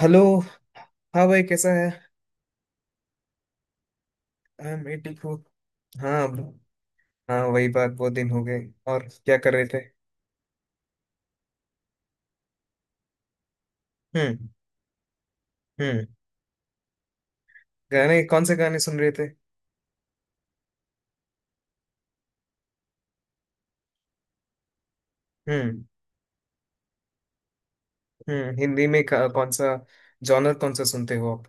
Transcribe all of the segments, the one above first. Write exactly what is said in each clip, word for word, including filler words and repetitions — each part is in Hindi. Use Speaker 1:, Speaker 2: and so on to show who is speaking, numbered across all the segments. Speaker 1: हेलो। हाँ भाई, कैसा है? आई एम ठीक हूँ। हाँ। हाँ, वही बात, बहुत दिन हो गए। और क्या कर रहे थे? हम्म। हम्म। गाने कौन से गाने सुन रहे थे? हम्म। हम्म। हिंदी में का- कौन सा जॉनर कौन सा सुनते हो आप?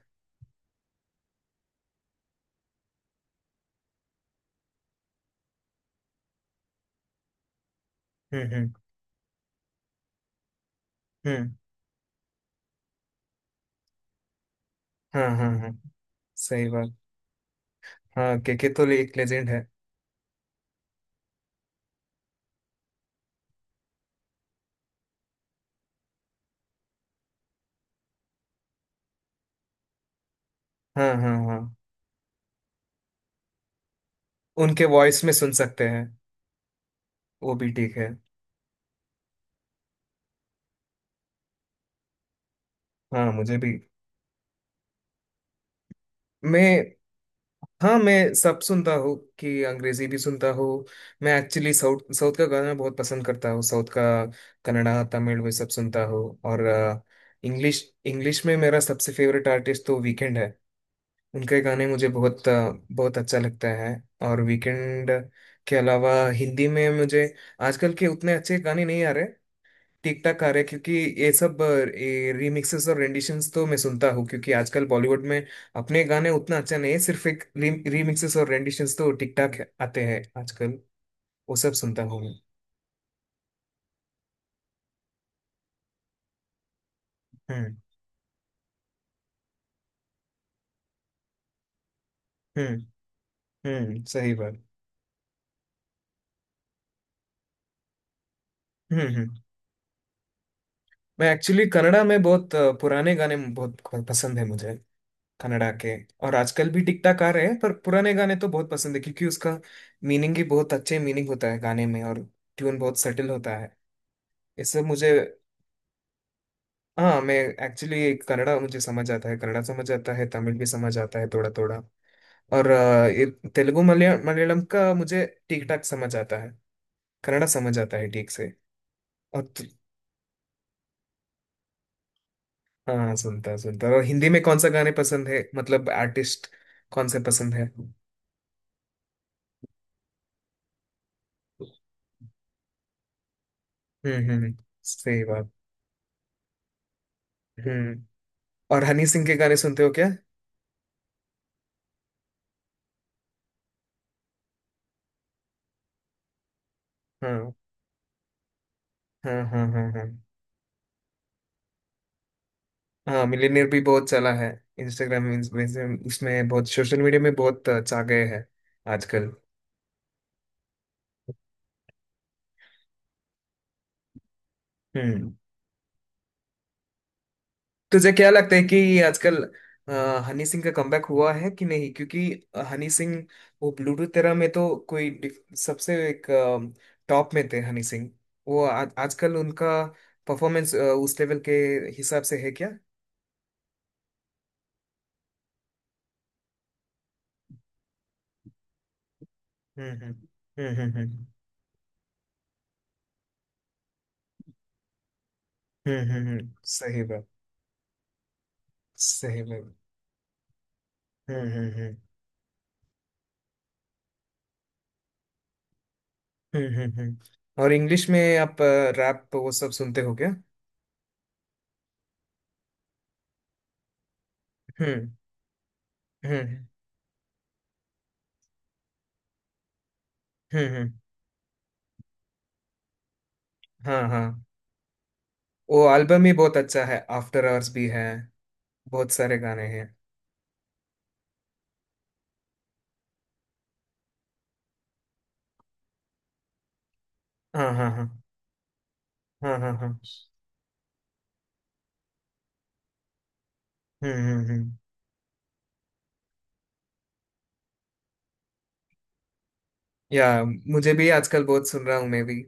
Speaker 1: हम्म। हम्म। हम्म। हाँ हाँ हाँ, सही बात। हाँ, केके तो ले- एक लेजेंड है। हाँ हाँ हाँ, उनके वॉइस में सुन सकते हैं। वो भी ठीक है। हाँ, मुझे भी। मैं, हाँ मैं सब सुनता हूँ कि अंग्रेजी भी सुनता हूँ। मैं एक्चुअली साउथ साउथ का गाना बहुत पसंद करता हूँ, साउथ का। कन्नड़ा, तमिल वे सब सुनता हूँ। और इंग्लिश, इंग्लिश में मेरा सबसे फेवरेट आर्टिस्ट तो वीकेंड है। उनके गाने मुझे बहुत अ, बहुत अच्छा लगता है। और वीकेंड के अलावा हिंदी में मुझे आजकल के उतने अच्छे गाने नहीं आ रहे। ठीक ठाक आ रहे हैं, क्योंकि ये सब रीमिक्सेस और रेंडिशंस तो मैं सुनता हूँ, क्योंकि आजकल बॉलीवुड में अपने गाने उतना अच्छा नहीं है, सिर्फ एक रीमिक्सेस और रेंडिशंस तो ठीक ठाक आते हैं आजकल। वो सब सुनता हूँ मैं। हम्म। हम्म। हम्म, सही बात। हम्म। हम्म। मैं एक्चुअली कन्नड़ा में बहुत अ, पुराने गाने बहुत पसंद है मुझे। कन्नड़ा के। और आजकल भी टिक टाक आ रहे हैं, पर पुराने गाने तो बहुत पसंद है, क्योंकि उसका मीनिंग भी बहुत अच्छे मीनिंग होता है गाने में, और ट्यून बहुत सटल होता है। ये सब मुझे। हाँ, मैं एक्चुअली कन्नड़ा, मुझे समझ आता है, कन्नड़ा समझ आता है, तमिल भी समझ आता है थोड़ा थोड़ा। और अ, ये तेलुगु, मलया- मलयालम का मुझे ठीक ठाक समझ आता है। कन्नड़ा समझ आता है ठीक से। और तु- हाँ, सुनता सुनता। और हिंदी में कौन सा गाने पसंद है, मतलब आर्टिस्ट कौन से पसंद है? हम्म। हम्म। हम्म, सही बात। हम्म। और हनी सिंह के गाने सुनते हो क्या? हाँ हाँ हाँ हाँ। हाँ हाँ, मिलीनियर भी बहुत चला है। इंस्टाग्राम, उसमें बहुत, सोशल मीडिया में बहुत छा गए हैं आजकल। हम्म। तो तुझे क्या लगता है कि आजकल अ, हनी सिंह का कमबैक हुआ है कि नहीं? क्योंकि हनी सिंह, वो ब्लूटूथ तेरा में तो कोई डिफ- सबसे एक टॉप में थे हनी सिंह। वो आ, आजकल उनका परफॉर्मेंस उस लेवल के हिसाब से है क्या? हम्म हम्म हम्म। हम्म हम्म हम्म। हम्म, हम्म, सही बात। सही बात। हम्म हम्म हम्म। हम्म हम्म हम्म। और इंग्लिश में आप रैप वो सब सुनते हो क्या? हम्म। हम्म। हम्म। हम्म। हाँ हाँ। वो एल्बम ही बहुत अच्छा है, आफ्टर आवर्स भी है, बहुत सारे गाने हैं। हाँ हाँ हाँ। हाँ हाँ हाँ। हम्म हम्म हम्म। या, मुझे भी आजकल बहुत सुन रहा हूँ मैं भी।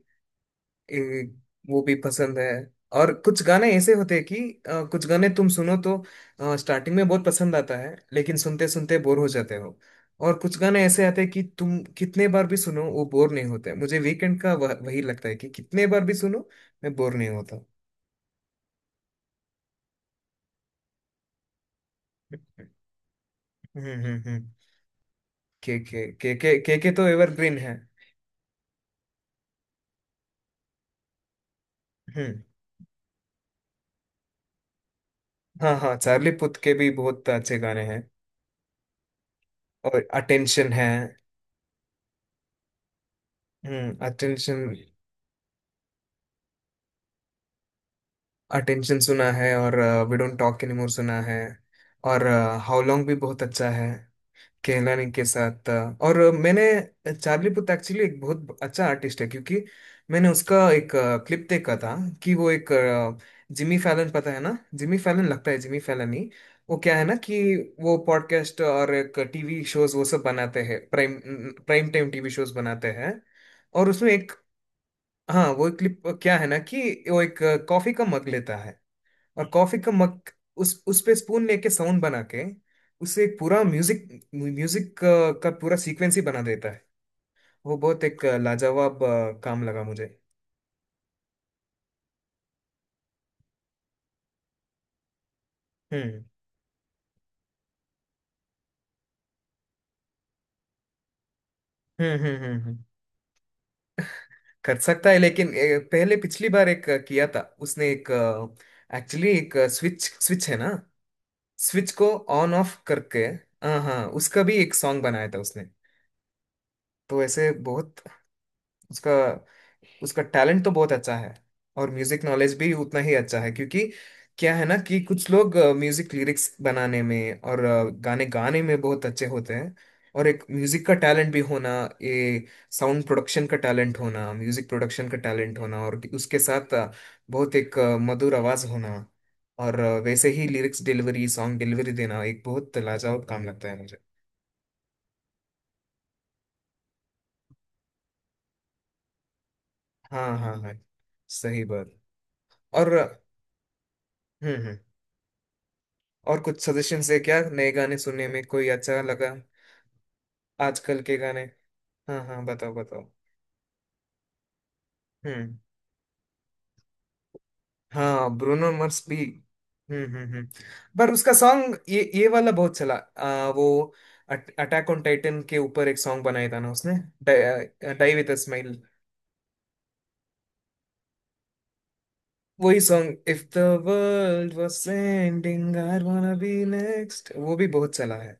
Speaker 1: ए, वो भी पसंद है। और कुछ गाने ऐसे होते हैं कि अ, कुछ गाने तुम सुनो तो स्टार्टिंग में बहुत पसंद आता है, लेकिन सुनते सुनते बोर हो जाते हो। और कुछ गाने ऐसे आते हैं कि तुम कितने बार भी सुनो वो बोर नहीं होते। मुझे वीकेंड का वह, वही लगता है कि कितने बार भी सुनो मैं बोर नहीं होता। हम्म हम्म हम्म। के के के के के के तो एवरग्रीन है। हम्म। हाँ हाँ, चार्ली पुथ के भी बहुत अच्छे गाने हैं। और अटेंशन है। हम्म, अटेंशन। अटेंशन सुना है, और वी डोंट टॉक एनीमोर सुना है। और हाउ लॉन्ग भी बहुत अच्छा है केहलानी के साथ। अ, और अ, मैंने चार्ली पुथ एक्चुअली एक बहुत अच्छा आर्टिस्ट है, क्योंकि मैंने उसका एक क्लिप देखा था कि वो एक जिमी फैलन, पता है ना जिमी फैलन, लगता है जिमी फैलन ही। वो क्या है ना कि वो पॉडकास्ट और एक टीवी शोज वो सब बनाते हैं। Prime, prime time TV shows बनाते हैं। और उसमें एक, हाँ वो एक क्लिप क्या है ना कि वो एक कॉफी का मग लेता है, और कॉफी का मग उस उस पे स्पून लेके साउंड बना के, उससे एक पूरा म्यूजिक, म्यूजिक का, का पूरा सीक्वेंस ही बना देता है। वो बहुत एक अ, लाजवाब अ, काम लगा मुझे। हम्म हम्म हम्म हम्म हम्म। कर सकता है, लेकिन ए, पहले पिछली बार एक अ, किया था उसने एक, एक्चुअली एक स्विच, स्विच है ना, स्विच को ऑन ऑफ करके। हाँ हाँ, उसका भी एक सॉन्ग बनाया था उसने, तो ऐसे बहुत उसका। उसका टैलेंट तो बहुत अच्छा है, और म्यूजिक नॉलेज भी उतना ही अच्छा है, क्योंकि क्या है ना कि कुछ लोग म्यूजिक लिरिक्स बनाने में और अ, गाने गाने में बहुत अच्छे होते हैं। और एक म्यूजिक का टैलेंट भी होना, ये साउंड प्रोडक्शन का टैलेंट होना, म्यूजिक प्रोडक्शन का टैलेंट होना, और उसके साथ अ, बहुत एक अ, मधुर आवाज होना, और अ, वैसे ही लिरिक्स डिलीवरी, सॉन्ग डिलीवरी देना एक बहुत लाजवाब काम लगता है मुझे। हाँ हाँ हाँ, सही बात। और हम्म। हम्म, और कुछ सजेशन है क्या, नए गाने सुनने में कोई अच्छा लगा आजकल के गाने? हाँ हाँ, बताओ बताओ। हम्म। हाँ, ब्रूनो मार्स भी। हम्म हम्म हम्म। पर उसका सॉन्ग ये ये वाला बहुत चला, आ, वो अटैक ऑन टाइटन के ऊपर एक सॉन्ग बनाया था ना उसने, डाई विद अ स्माइल। वही song if the world was ending I wanna be next, वो भी बहुत चला है।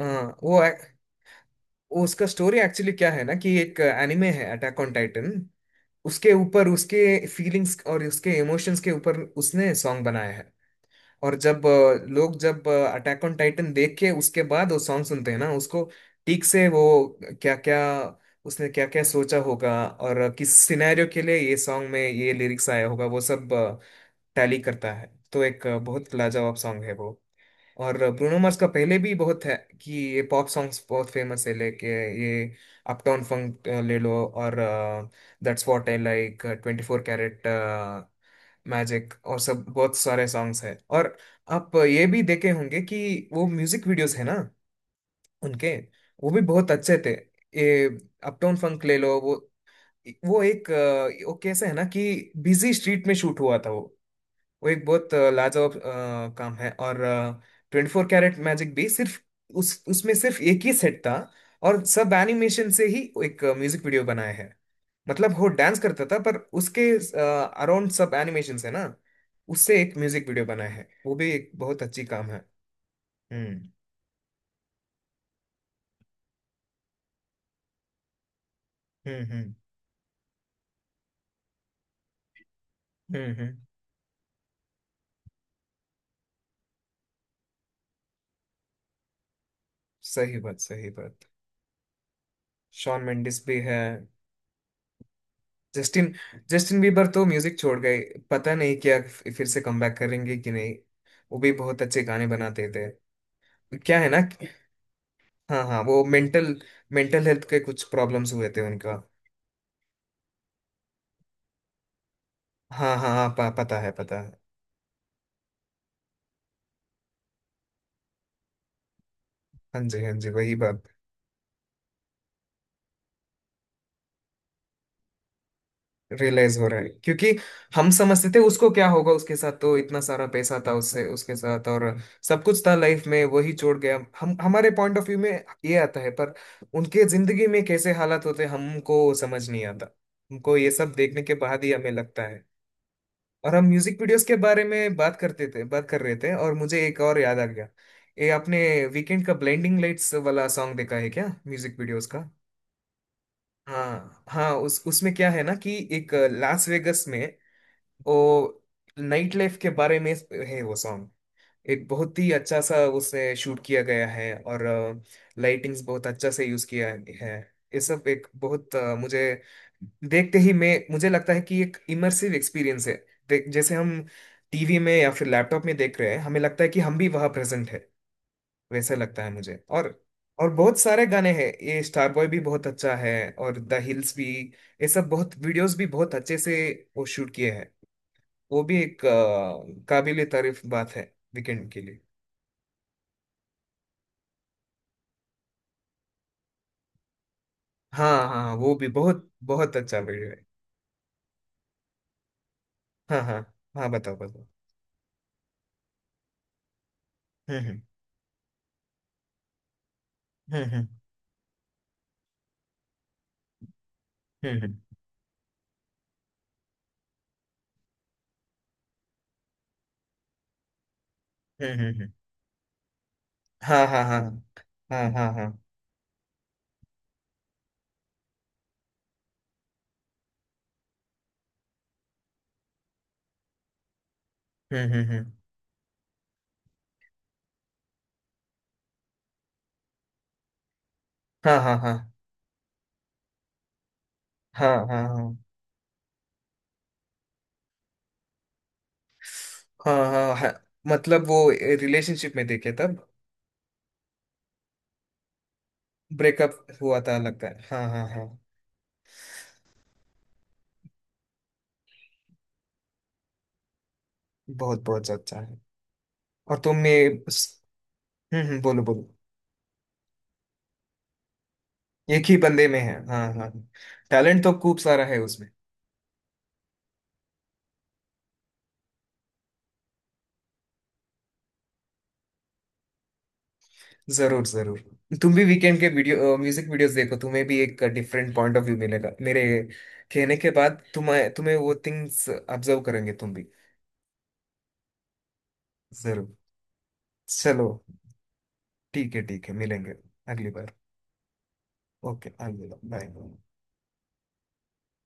Speaker 1: हाँ। वो वो उसका स्टोरी एक्चुअली क्या है ना कि एक एनिमे है अटैक ऑन टाइटन, उसके ऊपर उसके फीलिंग्स और उसके इमोशंस के ऊपर उसने सॉन्ग बनाया है। और जब अ, लोग जब अटैक ऑन टाइटन देख के उसके बाद वो सॉन्ग सुनते हैं ना उसको, ठीक से वो क्या क्या, उसने क्या क्या सोचा होगा और किस सिनेरियो के लिए ये सॉन्ग में ये लिरिक्स आया होगा, वो सब टैली करता है। तो एक अ, बहुत लाजवाब सॉन्ग है वो। और ब्रूनो मार्स का पहले भी बहुत है कि ये पॉप सॉन्ग्स बहुत फेमस है लेके, ये अपटाउन फंक ले लो, और that's what I like, twenty four carat magic, और सब बहुत सारे सॉन्ग्स हैं। और आप ये भी देखे होंगे कि वो म्यूजिक वीडियोस है ना उनके, वो भी बहुत अच्छे थे। ये अपटाउन फंक ले लो, वो वो एक अ, वो कैसे है ना कि बिजी स्ट्रीट में शूट हुआ था वो। वो एक बहुत अ, लाजवाब अ, काम है। और ट्वेंटी फोर कैरेट मैजिक भी, सिर्फ उस उसमें सिर्फ एक ही सेट था, और सब एनिमेशन से ही एक म्यूजिक वीडियो बनाया है। मतलब वो डांस करता था, पर उसके अराउंड सब एनिमेशन है ना, उससे एक म्यूजिक वीडियो बनाया है। वो भी एक बहुत अच्छी काम है। हम्म हम्म हम्म। हम्म हम्म, सही बात। सही बात। शॉन मेंडिस भी है। जस्टिन, जस्टिन बीबर तो म्यूजिक छोड़ गए। पता नहीं क्या, फिर से कमबैक करेंगे कि नहीं, वो भी बहुत अच्छे गाने बनाते थे। क्या है ना कि- हाँ हाँ, वो मेंटल, मेंटल हेल्थ के कुछ प्रॉब्लम्स हुए थे उनका। हाँ हाँ हाँ, प, पता है पता है। हाँ जी, हाँ जी, वही बात। रियलाइज हो रहा है, क्योंकि हम समझते थे उसको क्या होगा, उसके साथ तो इतना सारा पैसा था, उससे उसके साथ और सब कुछ था लाइफ में, वही छोड़ गया। हम हमारे पॉइंट ऑफ व्यू में ये आता है, पर उनके जिंदगी में कैसे हालात होते हैं, हमको समझ नहीं आता। हमको ये सब देखने के बाद ही हमें लगता है। और हम म्यूजिक वीडियोस के बारे में बात करते थे, बात कर रहे थे, और मुझे एक और याद आ गया। ये आपने वीकेंड का ब्लेंडिंग लाइट्स वाला सॉन्ग देखा है क्या, म्यूजिक वीडियोस का? हाँ हाँ, उस उसमें क्या है ना कि एक लास वेगस में वो नाइट लाइफ के बारे में है वो सॉन्ग। एक बहुत ही अच्छा सा उसे शूट किया गया है, और लाइटिंग्स बहुत अच्छा से यूज किया है। ये सब एक बहुत अ, मुझे देखते ही मैं, मुझे लगता है कि एक इमर्सिव एक्सपीरियंस है। देख- जैसे हम टीवी में या फिर लैपटॉप में देख रहे हैं, हमें लगता है कि हम भी वहां प्रेजेंट है, वैसा लगता है मुझे। और और बहुत सारे गाने हैं, ये स्टार बॉय भी बहुत अच्छा है, और द हिल्स भी। ये सब बहुत वीडियोस भी बहुत अच्छे से वो शूट किए हैं। वो भी एक काबिले तारीफ बात है वीकेंड के लिए। हाँ हाँ हाँ, वो भी बहुत बहुत अच्छा वीडियो है। हाँ हाँ, हाँ बताओ बताओ। हम्म हम्म हम्म। हम्म हम्म हम्म। हम्म, हम्म। हाँ हाँ हाँ। हाँ हाँ हाँ। हम्म हम्म हम्म। हाँ हाँ हाँ। हाँ हाँ हाँ। हाँ हाँ हाँ मतलब वो रिलेशनशिप में देखे तब। ब्रेकअप हुआ था लगता है, हाँ हाँ हाँ। बहुत बहुत अच्छा है। और तुमने, हम्म। हम्म, बोलो बोलो। एक ही बंदे में है, हाँ हाँ हाँ। टैलेंट तो खूब सारा है उसमें। जरूर, जरूर। तुम भी वीकेंड के वीडियो, म्यूजिक वीडियोस देखो, तुम्हें भी एक डिफरेंट पॉइंट ऑफ व्यू मिलेगा। मेरे कहने के बाद तुम्हें तुम्हें वो थिंग्स ऑब्जर्व करेंगे तुम भी। जरूर। चलो, ठीक है, ठीक है, मिलेंगे अगली बार। ओके, अलविदा, बाय।